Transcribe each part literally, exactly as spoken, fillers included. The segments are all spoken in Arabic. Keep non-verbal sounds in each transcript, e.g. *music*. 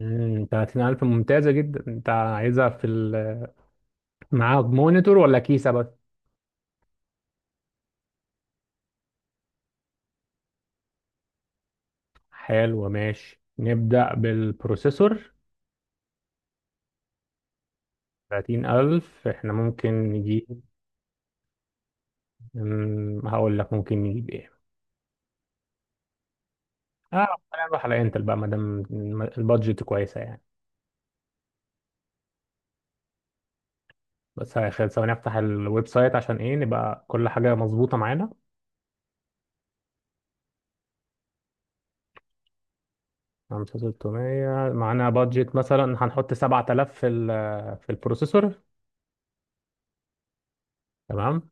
امم تلاتين الف ممتازة جدا، انت عايزها في ال... معاها مونيتور ولا كيسة بس؟ حلو، ماشي. نبدأ بالبروسيسور. تلاتين الف احنا ممكن نجيب. أمم، هقول لك ممكن نجيب ايه. اه، خلينا نروح على انتل بقى مادام البادجت كويسة يعني. بس هيخلي، ثواني افتح الويب سايت عشان ايه نبقى كل حاجة مظبوطة معانا. خمستلاف وستمية معانا بادجت، مثلا هنحط سبعة آلاف في ال... في البروسيسور. تمام.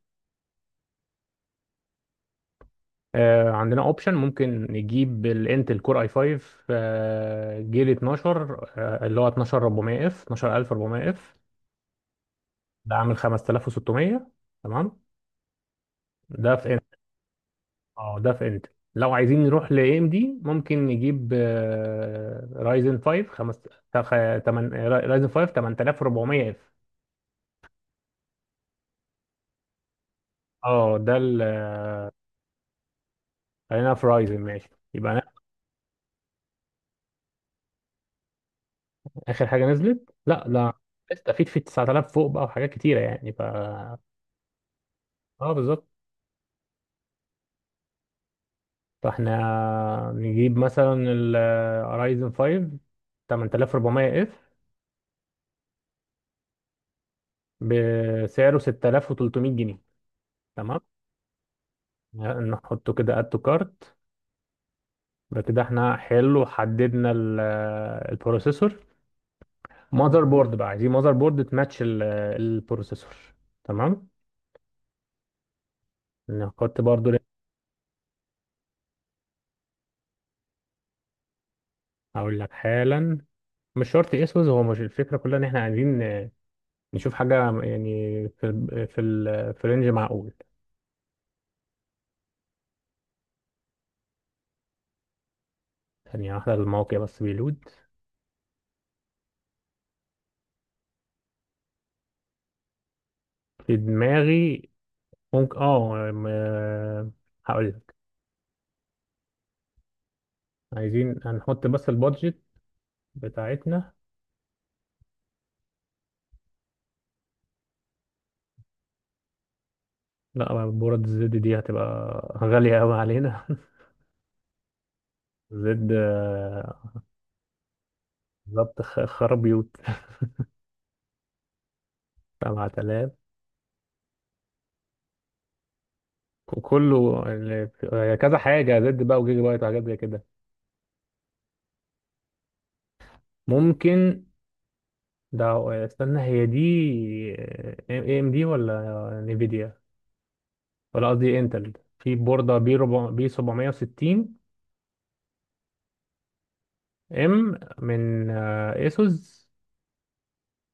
آه، عندنا اوبشن، ممكن نجيب الانتل كور اي خمسة، آه، جيل اثنا عشر، آه، اللي هو اتناشر اربعمية اف اتناشر اربعمية اف. ده عامل خمستلاف وستمية. تمام. ده في انتل. اه، ده في انتل. لو عايزين نروح لاي ام دي ممكن نجيب رايزن خمسة خمس، تخ- تمن رايزن خمسة تمنتلاف واربعمية اف. اه ده ال- خلينا في رايزن ماشي. يبقى أنا، اخر حاجه نزلت، لا لا استفيد في تسعة آلاف فوق بقى وحاجات كتيره يعني ف اه بالظبط. فاحنا نجيب مثلا ال Ryzen خمسة تمنتلاف واربعمية اف بسعره ستتلاف وتلتمية جنيه. تمام، نحطه كده اد تو كارت. يبقى كده احنا حلو، حددنا ال- البروسيسور. ماذر بورد بقى، عايزين ماذر بورد تماتش ال- البروسيسور. تمام نحط برضو. هقول لك حالا، مش شرط اسوس، هو مش الفكره كلها ان احنا عايزين نشوف حاجه يعني في ال في ال في رينج معقول. ثانيه واحده الموقع بس بيلود. في دماغي ممكن اه م- هقول لك. عايزين هنحط بس البادجت بتاعتنا، لا بورد الزد دي هتبقى غالية قوي علينا. *laughs* زد آه، بالظبط، خ- خراب بيوت. *laughs* سبعة آلاف، وكله ال- آه، كذا حاجة زد بقى وجيجا بايت وحاجات زي كده. ممكن ده، آه، استنى، هي دي اي ام دي ولا نيفيديا؟ ولا قصدي انتل. في بوردة بي أربعمائة بي سبعمائة وستين، ام من اسوس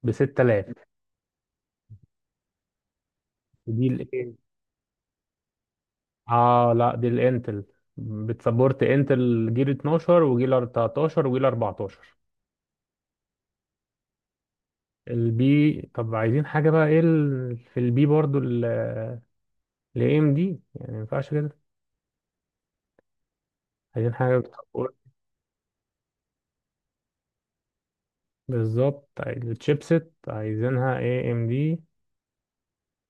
ب ستة آلاف. دي الايه؟ اه لا دي الانتل، بتسبورت انتل جيل اتناشر وجيل تلتاشر وجيل اربعتاشر. البي، طب عايزين حاجه بقى، ايه ال... في البي برضو الاي ام دي يعني، ما ينفعش كده. عايزين حاجه بتسبورت، بالظبط الشيبسيت عايزينها اي ام دي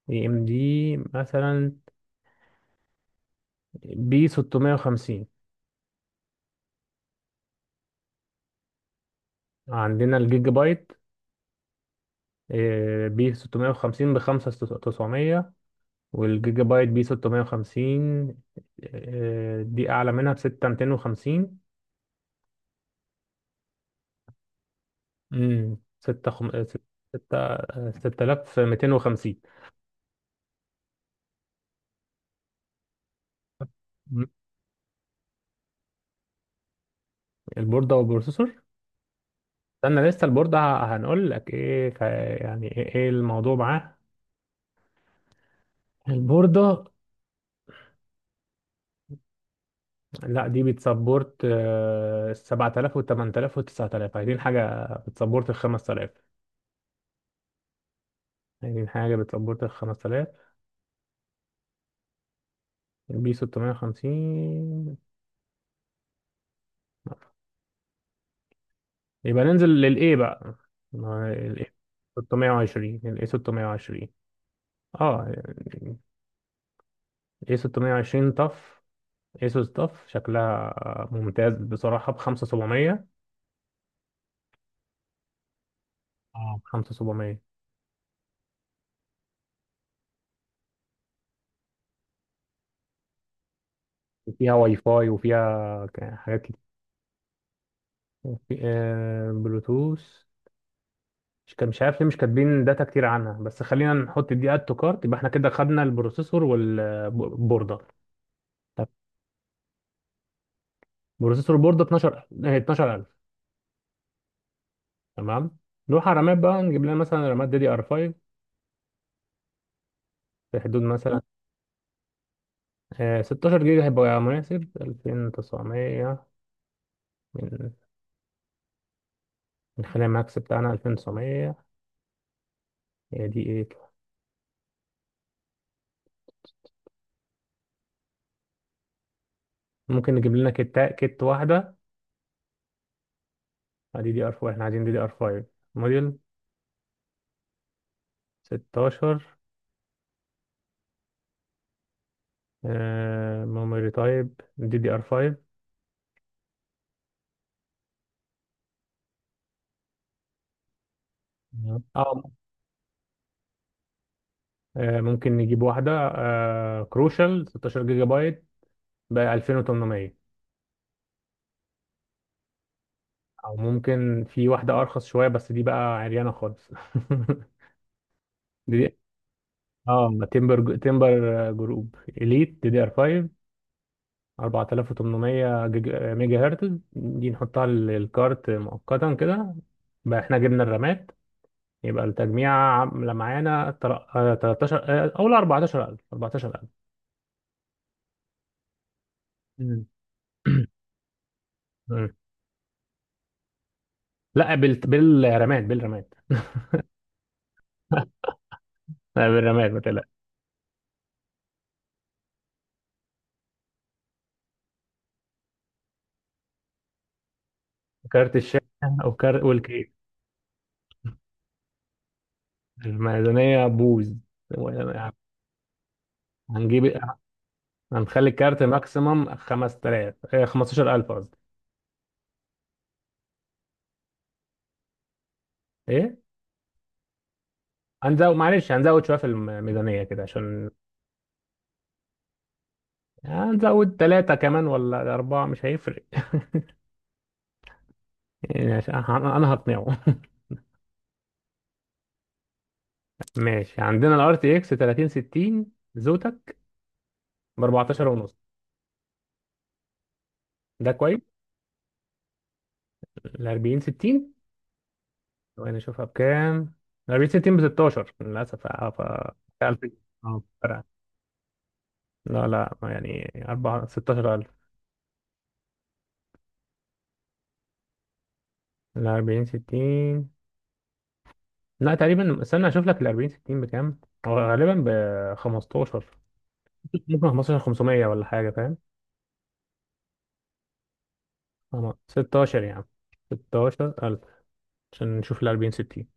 اي ام دي مثلا بي ستمائة وخمسين. عندنا الجيجا بايت، آه، بي ستمية وخمسين ب خمستلاف وتسعمية، والجيجا بايت بي ستمائة وخمسين، آه، دي اعلى منها ب ستة آلاف ومئتين وخمسين. امم ستة، ستتلاف ومتين وخمسين. البورده والبروسيسور، استنى لسه البورده ه- هنقول لك ايه، ك- يعني ايه إيه الموضوع معاه البورده. لا دي بتسبورت آه، سبعة آلاف و8000 و9000، عايزين حاجه بتسبورت ال خمستلاف عايزين حاجه بتسبورت ال خمستلاف، البي ستمائة وخمسين. يبقى ننزل للايه بقى، ما الايه ستمية وعشرين، الايه ستمية وعشرين. اه يعني ايه ستمائة وعشرين طف، ايسوس طف شكلها ممتاز بصراحة ب خمسة آلاف وسبعمائة. اه ب خمستلاف وسبعمية وفيها واي فاي وفيها ك- حاجات كتير وفي آه بلوتوث. مش كان مش عارف ليه مش كاتبين داتا كتير عنها، بس خلينا نحط دي اد تو كارت. يبقى احنا كده خدنا البروسيسور والبوردة. طب، بروسيسور بوردة اتناشر، آه، اتناشر الف. تمام. نروح على الرامات بقى، نجيب لنا مثلا رامات دي دي ار خمسة في حدود مثلا آه، ستاشر جيجا هيبقى مناسب. الفين وتسعمية، من من خلال الماكس بتاعنا الفين وتسعمية. هي دي ايه؟ ممكن نجيب لنا كت كت واحدة. دي دي ار اربعة، احنا عايزين دي دي ار خمسة. موديل ستاشر، آه، ميموري تايب دي دي ار خمسة. تمام. اه، آه، ممكن نجيب واحدة كروشال ستاشر جيجا بايت ب ألفين وثمانمائة. او ممكن في واحده ارخص شويه بس دي بقى عريانه خالص. *laughs* دي اه، تمبر تمبر جروب اليت دي دي ار خمسة، اربعتلاف وتمنمية جيج- ميجا هرتز. دي نحطها للكارت مؤقتا كده. بقى احنا جبنا الرامات. يبقى التجميع عامله معانا تر- آه، ثلاثة عشر، آه، او لا اربعتاشر الف اربعتاشر الف مم. *clears throat* مم. لا بال... بالرامات بالرامات *laughs* لا بالرامات ما تقلقش. كارت الشاشه، وكارت والكيس. الميزانيه بوز. هنجيب إيه؟ هنخلي الكارت ماكسيمم خمسة آلاف، آه، خمسة عشر ألف قصدي. ايه؟ هنزود، معلش هنزود شويه في الميزانيه كده عشان، هنزود ثلاثه كمان ولا اربعه مش هيفرق. *laughs* يعني عشان انا أنا هقنعه. *laughs* ماشي، عندنا الار تي اكس تلاتة آلاف وستين زوتك ب أربعة عشر ونص. ده كويس. ال أربعين ستين، وانا اشوفها بكام. ال اربعين ستين ب ستاشر للاسف. اه، ف الف اه فرق. لا لا يعني اربعة، ستاشر الف. ال اربعين ستين لا تقريبا، استنى اشوف لك ال اربعين ستين بكام. هو غالبا ب خمستاشر. ممكن خمستاشر خمسمية ولا حاجه، فاهم؟ أما ستاشر يا عم، ستة عشر ألف عشان نشوف ال اربعين ستين.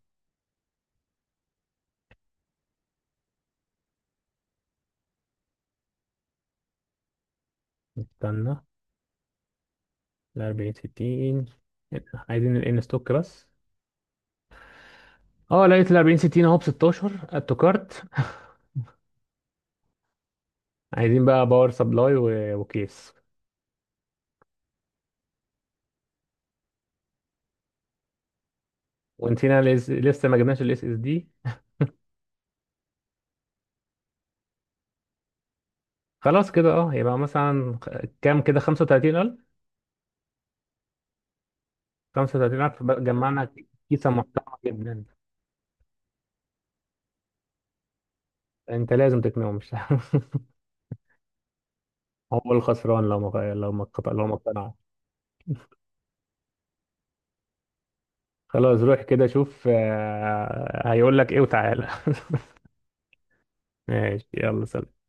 استنى، ال اربعين ستين عايزين الان ستوك بس. اه، لقيت ال اربعين ستين اهو ب ستة عشر اد تو كارت. *laughs* عايزين بقى باور سبلاي و- وكيس. ونسينا الاس- لسه ما جبناش الاس اس دي. خلاص كده اه، يبقى مثلا خ- كام كده؟ خمسة وتلاتين الف. خمسة وتلاتين الف بقى جمعنا. كيسه محترمه جدا. انت لازم تقنعه، مش *laughs* هو الخسران لو ما لو ما اقت- لو ما اقتنع. خلاص روح كده شوف آه، هيقول لك ايه وتعالى. *laughs* ماشي يلا، سلام.